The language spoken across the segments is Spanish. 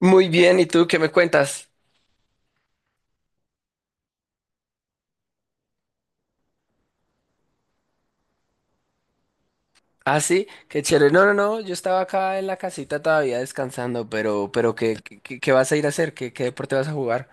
Muy bien, ¿y tú qué me cuentas? Ah, sí, qué chévere. No, yo estaba acá en la casita todavía descansando, pero ¿qué, qué vas a ir a hacer? ¿Qué, qué deporte vas a jugar?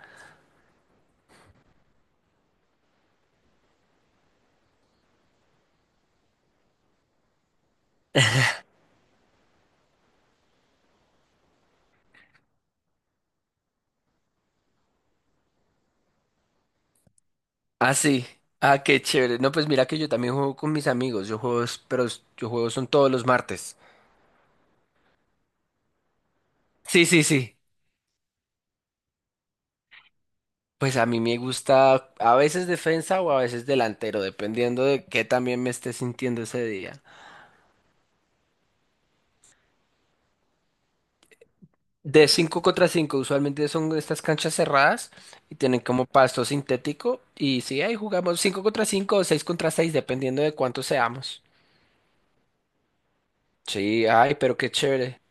Ah, sí. Ah, qué chévere. No, pues mira que yo también juego con mis amigos. Yo juego, yo juego son todos los martes. Sí, sí, sí. Pues a mí me gusta a veces defensa o a veces delantero, dependiendo de qué también me esté sintiendo ese día. De 5 contra 5 usualmente son estas canchas cerradas y tienen como pasto sintético. Y sí, ahí jugamos 5 contra 5 o 6 contra 6 dependiendo de cuántos seamos. Sí, ay, pero qué chévere.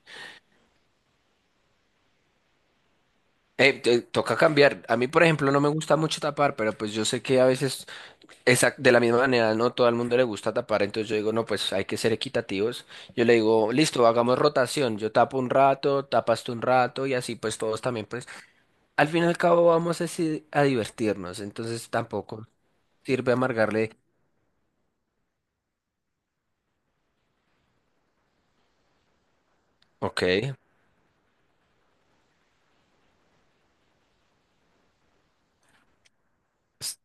Toca cambiar. A mí, por ejemplo, no me gusta mucho tapar, pero pues yo sé que a veces de la misma manera no todo el mundo le gusta tapar, entonces yo digo, no, pues hay que ser equitativos. Yo le digo, listo, hagamos rotación. Yo tapo un rato, tapas tú un rato y así pues todos también pues al fin y al cabo vamos a, sí, a divertirnos, entonces tampoco sirve amargarle. Ok. Pues,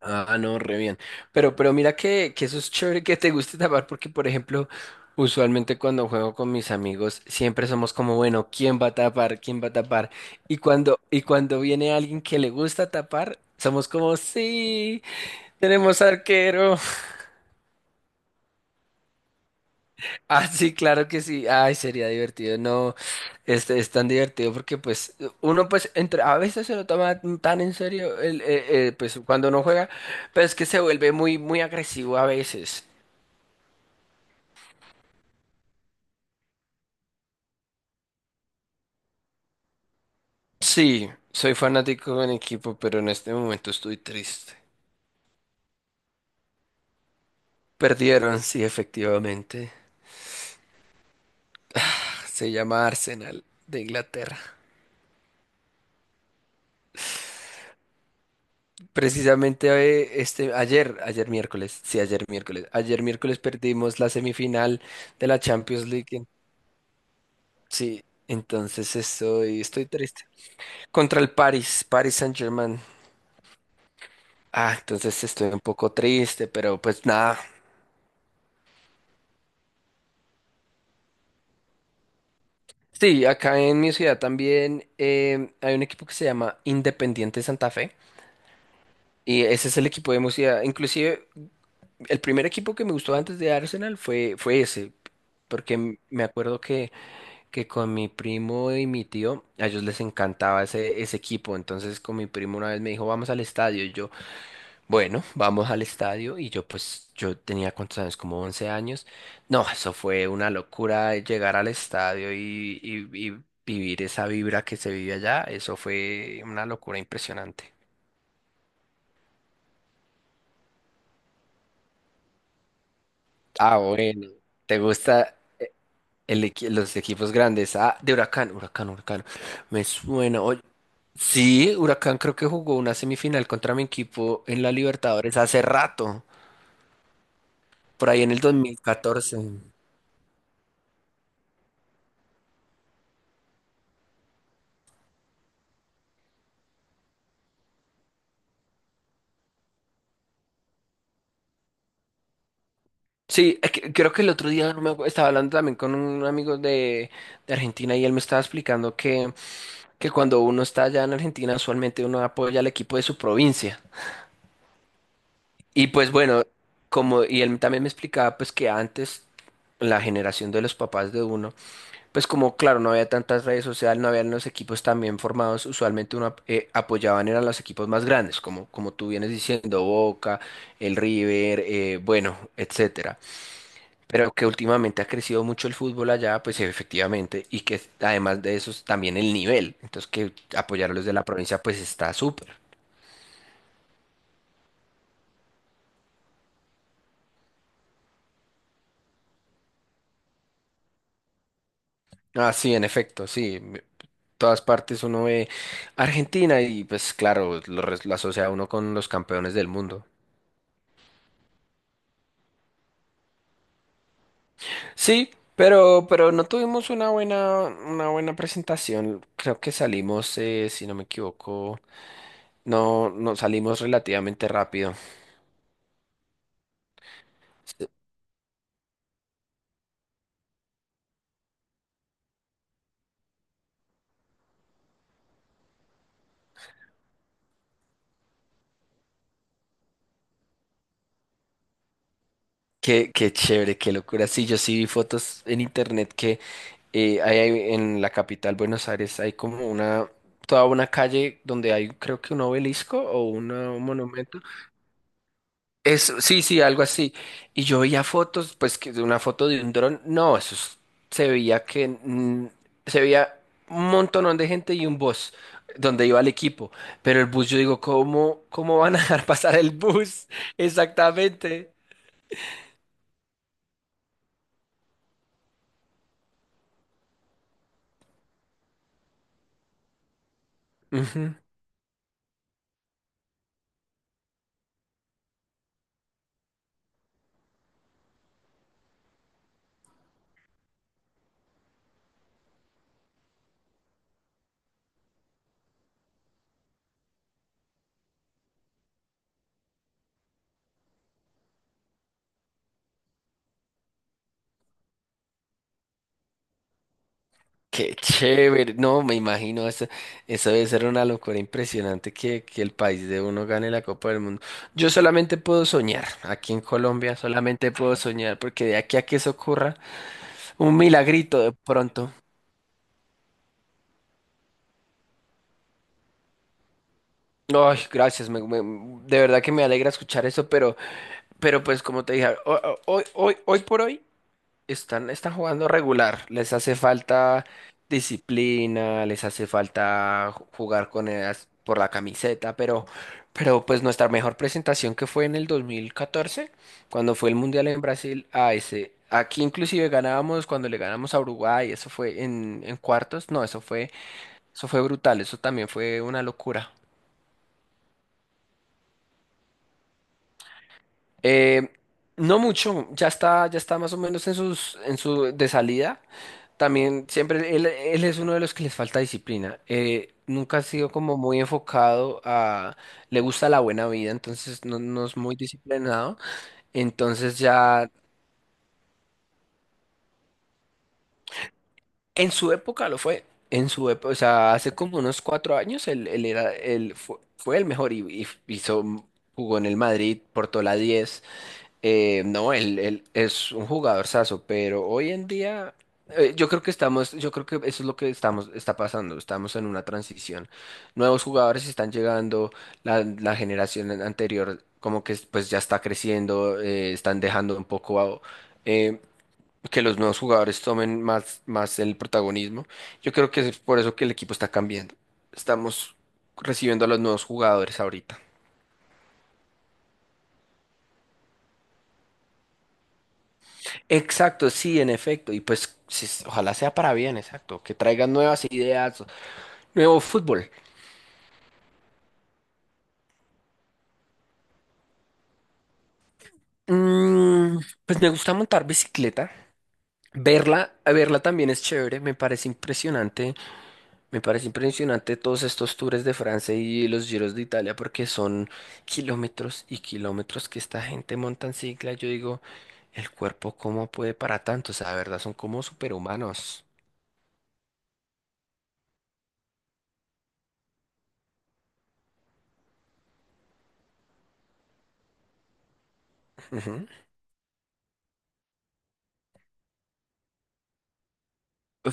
ah, no, re bien. Pero mira que eso es chévere que te guste tapar porque, por ejemplo, usualmente cuando juego con mis amigos, siempre somos como, bueno, ¿quién va a tapar? ¿Quién va a tapar? Y cuando viene alguien que le gusta tapar, somos como, sí, tenemos arquero. Ah, sí, claro que sí. Ay, sería divertido. No, este es tan divertido porque pues uno pues entre a veces se lo toma tan en serio el, pues cuando no juega, pero es que se vuelve muy muy agresivo a veces. Sí, soy fanático de un equipo, pero en este momento estoy triste. Perdieron, sí, efectivamente. Se llama Arsenal de Inglaterra. Precisamente ayer, ayer miércoles, sí, ayer miércoles. Ayer miércoles perdimos la semifinal de la Champions League. Sí, entonces estoy triste. Contra el Paris Saint-Germain. Ah, entonces estoy un poco triste, pero pues nada. Sí, acá en mi ciudad también hay un equipo que se llama Independiente Santa Fe. Y ese es el equipo de mi ciudad. Inclusive, el primer equipo que me gustó antes de Arsenal fue ese. Porque me acuerdo que con mi primo y mi tío, a ellos les encantaba ese equipo. Entonces con mi primo una vez me dijo, vamos al estadio. Bueno, vamos al estadio y yo pues yo tenía cuántos años, como 11 años. No, eso fue una locura llegar al estadio y vivir esa vibra que se vive allá. Eso fue una locura impresionante. Ah, bueno. ¿Te gusta los equipos grandes? Ah, de Huracán, Huracán, Huracán. Me suena. Oye, sí, Huracán creo que jugó una semifinal contra mi equipo en la Libertadores hace rato, por ahí en el 2014. Sí, creo que el otro día no me acuerdo, estaba hablando también con un amigo de Argentina y él me estaba explicando que cuando uno está allá en Argentina, usualmente uno apoya al equipo de su provincia. Y pues bueno, como, y él también me explicaba pues que antes la generación de los papás de uno, pues como claro, no había tantas redes sociales, no habían los equipos tan bien formados, usualmente uno apoyaban eran los equipos más grandes, como, como tú vienes diciendo, Boca, el River, bueno, etcétera. Pero que últimamente ha crecido mucho el fútbol allá, pues efectivamente, y que además de eso es también el nivel. Entonces que apoyar a los de la provincia pues está súper. Ah, sí, en efecto, sí. Todas partes uno ve Argentina y pues claro, lo asocia uno con los campeones del mundo. Sí, pero no tuvimos una buena presentación. Creo que salimos, si no me equivoco, no, no salimos relativamente rápido. Qué, qué chévere, qué locura. Sí, yo sí vi fotos en internet que hay, hay en la capital, Buenos Aires, hay como una, toda una calle donde hay creo que un obelisco o un monumento. Eso, sí, sí, algo así. Y yo veía fotos, pues que de una foto de un dron, no, se veía que se veía un montonón de gente y un bus donde iba el equipo. Pero el bus, yo digo, ¿cómo, cómo van a dejar pasar el bus? Exactamente. Ujú. Qué chévere, no me imagino, eso debe ser una locura impresionante que el país de uno gane la Copa del Mundo. Yo solamente puedo soñar, aquí en Colombia solamente puedo soñar, porque de aquí a que eso ocurra, un milagrito de pronto. Ay, gracias, de verdad que me alegra escuchar eso, pero pues como te dije, hoy, hoy por hoy. Están, están jugando regular, les hace falta disciplina, les hace falta jugar con ellas por la camiseta, pero pues nuestra mejor presentación que fue en el 2014, cuando fue el Mundial en Brasil, a ese, aquí inclusive ganábamos cuando le ganamos a Uruguay, eso fue en cuartos, no, eso fue brutal, eso también fue una locura. Eh, no mucho, ya está más o menos en sus, en su de salida. También siempre él, él es uno de los que les falta disciplina. Nunca ha sido como muy enfocado a, le gusta la buena vida, entonces no, no es muy disciplinado. Entonces ya, en su época lo fue. En su época, o sea, hace como unos 4 años él, él era, él fue, fue el mejor y hizo, jugó en el Madrid, portó la 10. No, él, él es un jugadorzazo, pero hoy en día yo creo que estamos, yo creo que eso es lo que estamos, está pasando, estamos en una transición. Nuevos jugadores están llegando, la generación anterior como que pues ya está creciendo, están dejando un poco eh, que los nuevos jugadores tomen más, más el protagonismo. Yo creo que es por eso que el equipo está cambiando. Estamos recibiendo a los nuevos jugadores ahorita. Exacto, sí, en efecto. Y pues sí, ojalá sea para bien, exacto. Que traigan nuevas ideas, nuevo fútbol. Mm, pues me gusta montar bicicleta. Verla, verla también es chévere, me parece impresionante todos estos tours de Francia y los giros de Italia porque son kilómetros y kilómetros que esta gente monta en cicla. Yo digo, el cuerpo cómo puede para tanto, o sea, de verdad son como superhumanos. Ujú.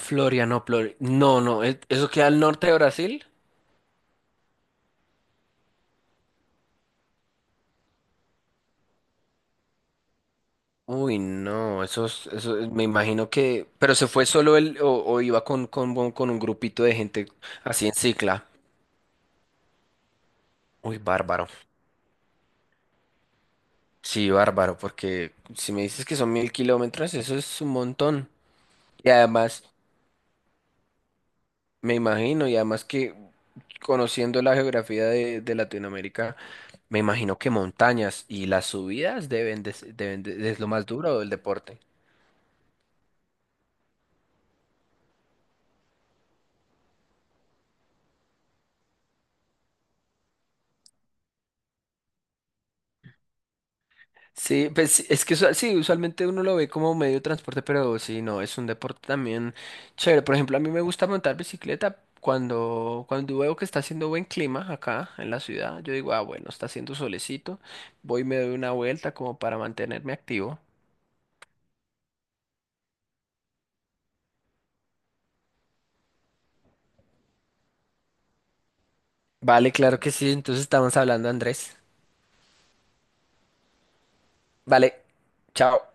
Florianópolis, no, no, ¿eso queda al norte de Brasil? Uy, no, eso, me imagino que, pero se fue solo él o iba con, con un grupito de gente así en cicla. Uy, bárbaro. Sí, bárbaro, porque si me dices que son 1.000 kilómetros, eso es un montón. Y además, me imagino, y además que conociendo la geografía de Latinoamérica, me imagino que montañas y las subidas deben es lo más duro del deporte. Sí, pues sí, es que sí, usualmente uno lo ve como medio de transporte, pero sí, no, es un deporte también chévere. Por ejemplo, a mí me gusta montar bicicleta cuando, cuando veo que está haciendo buen clima acá en la ciudad. Yo digo, ah, bueno, está haciendo solecito, voy y me doy una vuelta como para mantenerme activo. Vale, claro que sí, entonces estamos hablando, Andrés. Vale, chao.